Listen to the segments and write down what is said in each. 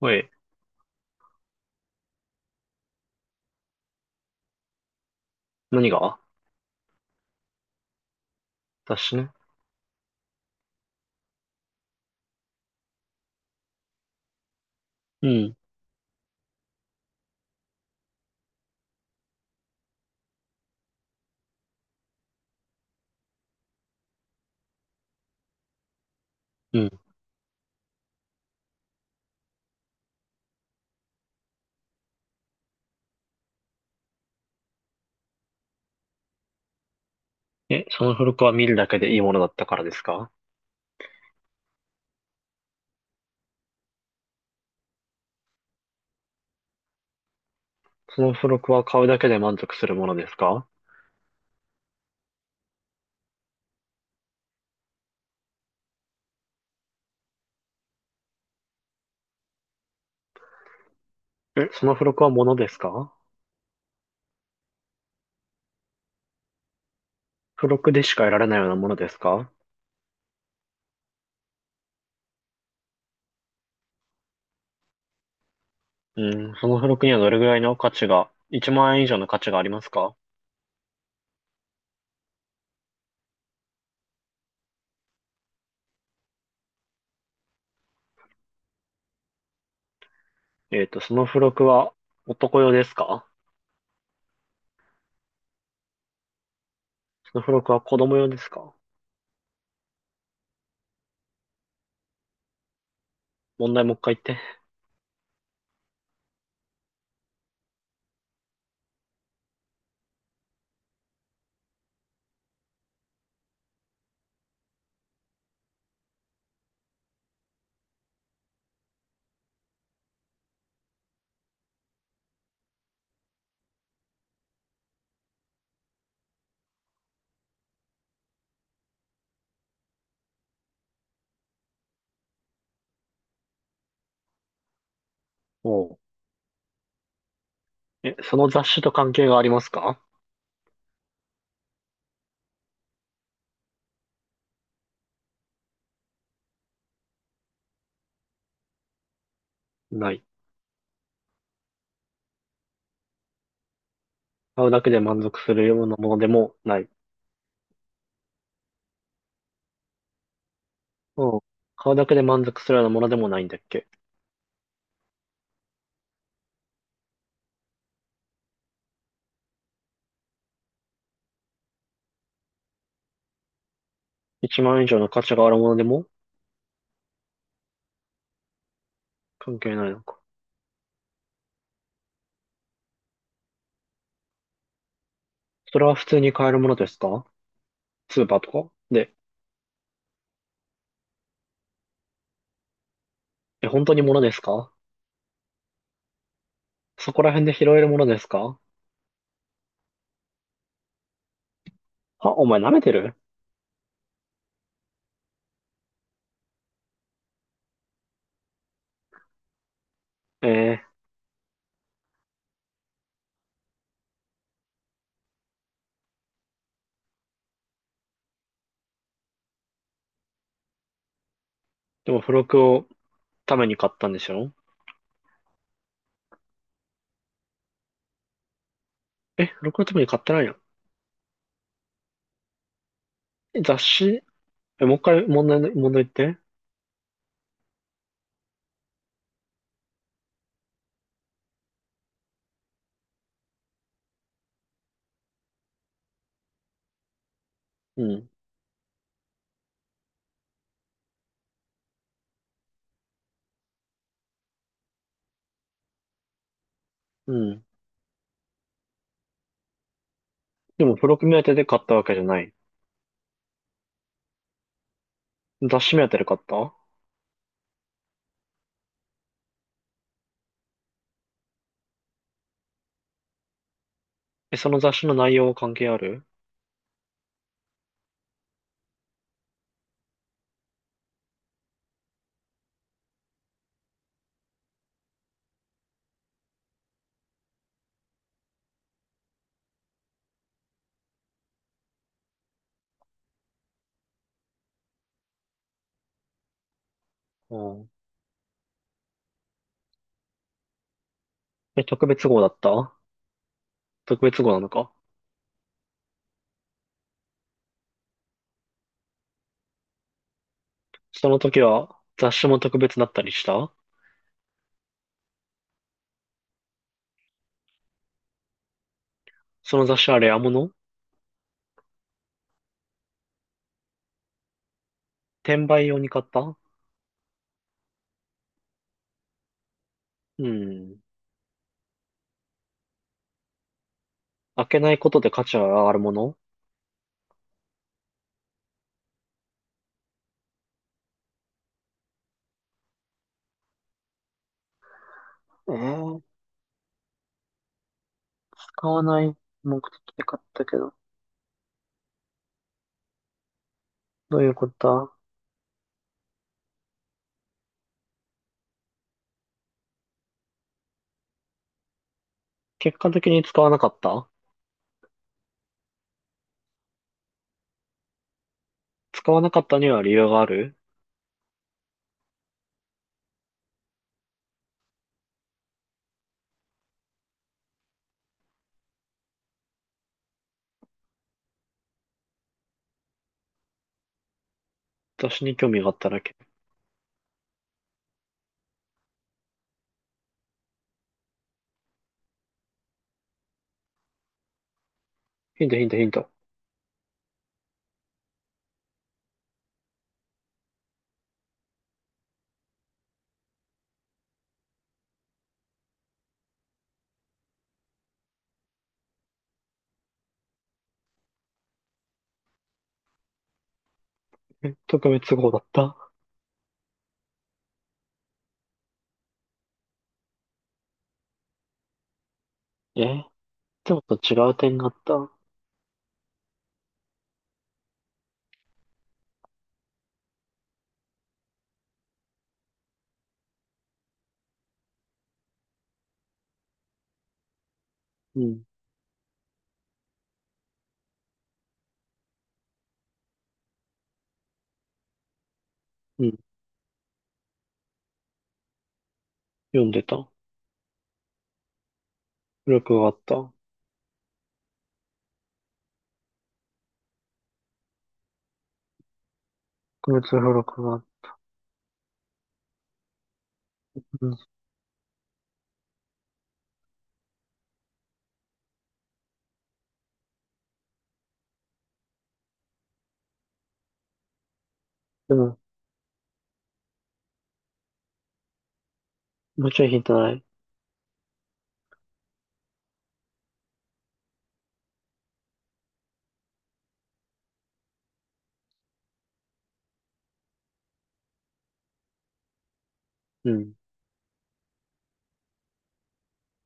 おい、何が？私ね。うん、うん。その付録は見るだけでいいものだったからですか？その付録は買うだけで満足するものですか？その付録はものですか？付録でしか得られないようなものですか？うん、その付録にはどれぐらいの価値が、1万円以上の価値がありますか？その付録は男用ですか？その付録は子供用ですか？問題もう一回言って。おう。その雑誌と関係がありますか？ない。買うだけで満足するようなものでもない。うん。買うだけで満足するようなものでもないんだっけ？ 1 万円以上の価値があるものでも？関係ないのか。それは普通に買えるものですか？スーパーとかで。本当にものですか？そこら辺で拾えるものですか？あ、お前舐めてる？えー、でも付録をために買ったんでしょ？付録のために買ってないの？雑誌。もう一回問題言って。うん、うん。でも付録目当てで買ったわけじゃない。雑誌目当てで買った？その雑誌の内容は関係ある？うん。特別号だった？特別号なのか？その時は雑誌も特別だったりした？その雑誌あれ、あもの、転売用に買った？うん。開けないことで価値が上がるもの？えー、使わない目的で買ったけど。どういうことだ？結果的に使わなかった？使わなかったには理由がある？雑誌に興味があっただけ。ヒントヒントヒント。特別号だった？えでもと違う点があった？うん。うん。読んでた。付録があった。特別付録があった。うん。でももうちょいヒントない？うん。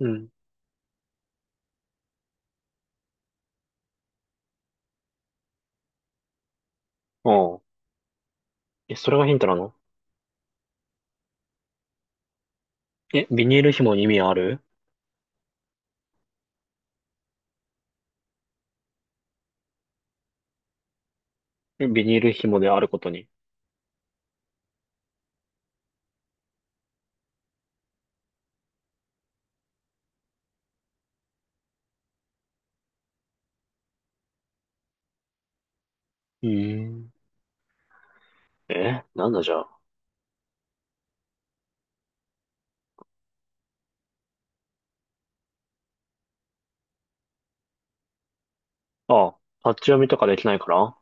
うん。ああ。それがヒントなの？ビニール紐に意味ある？ビニール紐であることに。うーん。なんだじゃあ。ああ、パッチ読みとかできないから、あ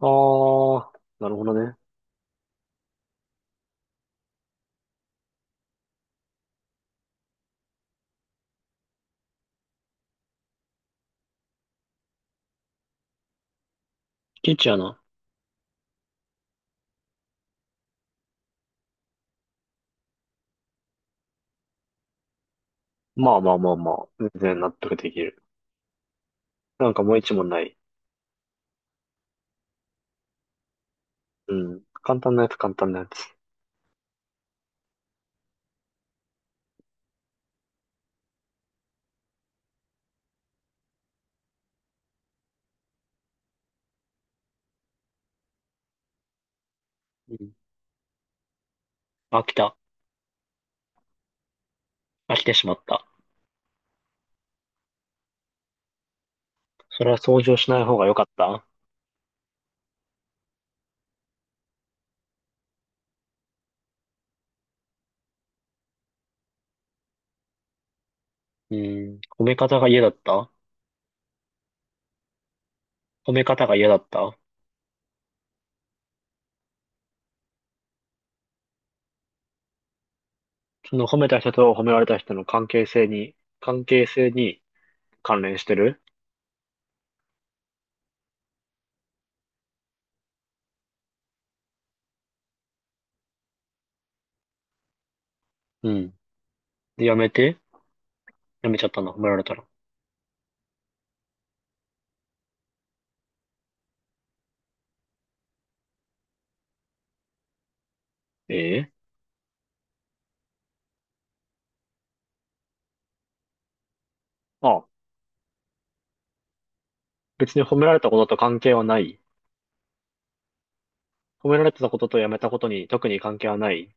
あ、なるほどね。キッチやな。まあまあまあまあ、全然納得できる。なんかもう一問ない？うん。簡単なやつ、簡単なやつ。うん。飽きた。飽きてしまった。それは掃除をしない方が良かった？うん。褒め方が嫌だった？褒め方が嫌だった？その褒めた人と褒められた人の関係性に関連してる？うん。で、やめて。やめちゃったの、褒められたら。ええ。ああ、別に褒められたことと関係はない。褒められてたこととやめたことに特に関係はない。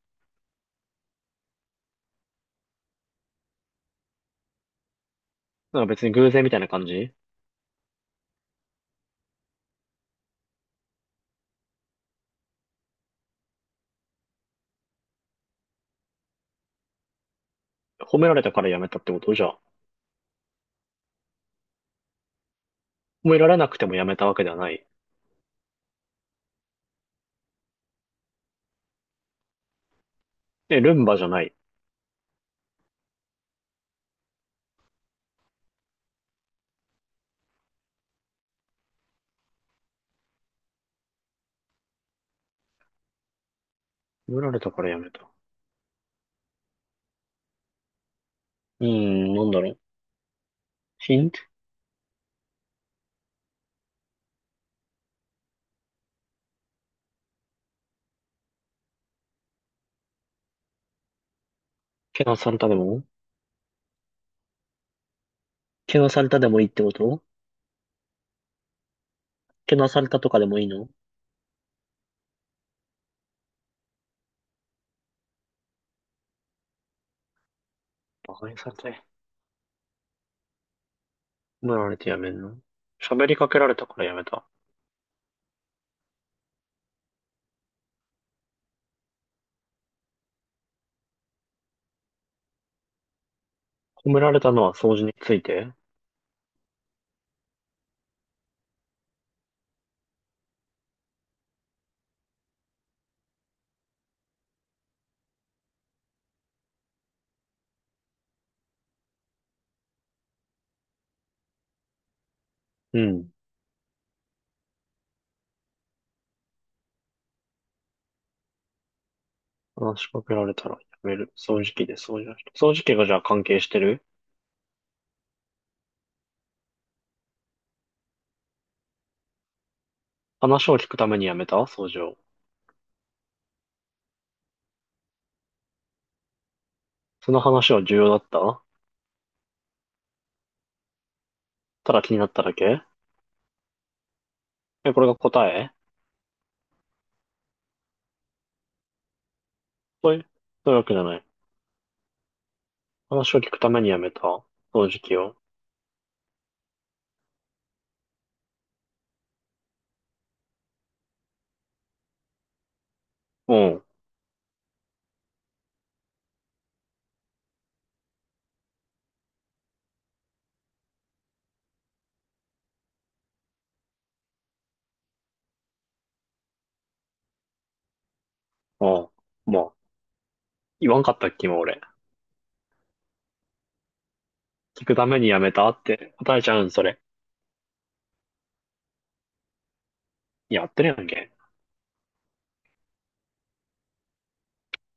なんか別に偶然みたいな感じ？褒められたからやめたってことじゃあ。褒められなくてもやめたわけではない。ルンバじゃない？褒められたからやめた。うーん、なんだろう。ヒント。けなされたでも？けなされたでもいいってこと？けなされたとかでもいいの？バカにされた？褒められてやめんの？喋りかけられたからやめた。褒められたのは掃除について？うん。話しかけられたらやめる。掃除機で掃除をした。掃除機がじゃあ関係してる？話を聞くためにやめた掃除を。その話は重要だった？ただ気になっただけ？これが答え？そういう、そういうわけじゃない。話を聞くためにやめた掃除機を。うん。ああ。まあ、言わんかったっけ、今俺。聞くためにやめたって答えちゃうん、それ。やってるやんけ。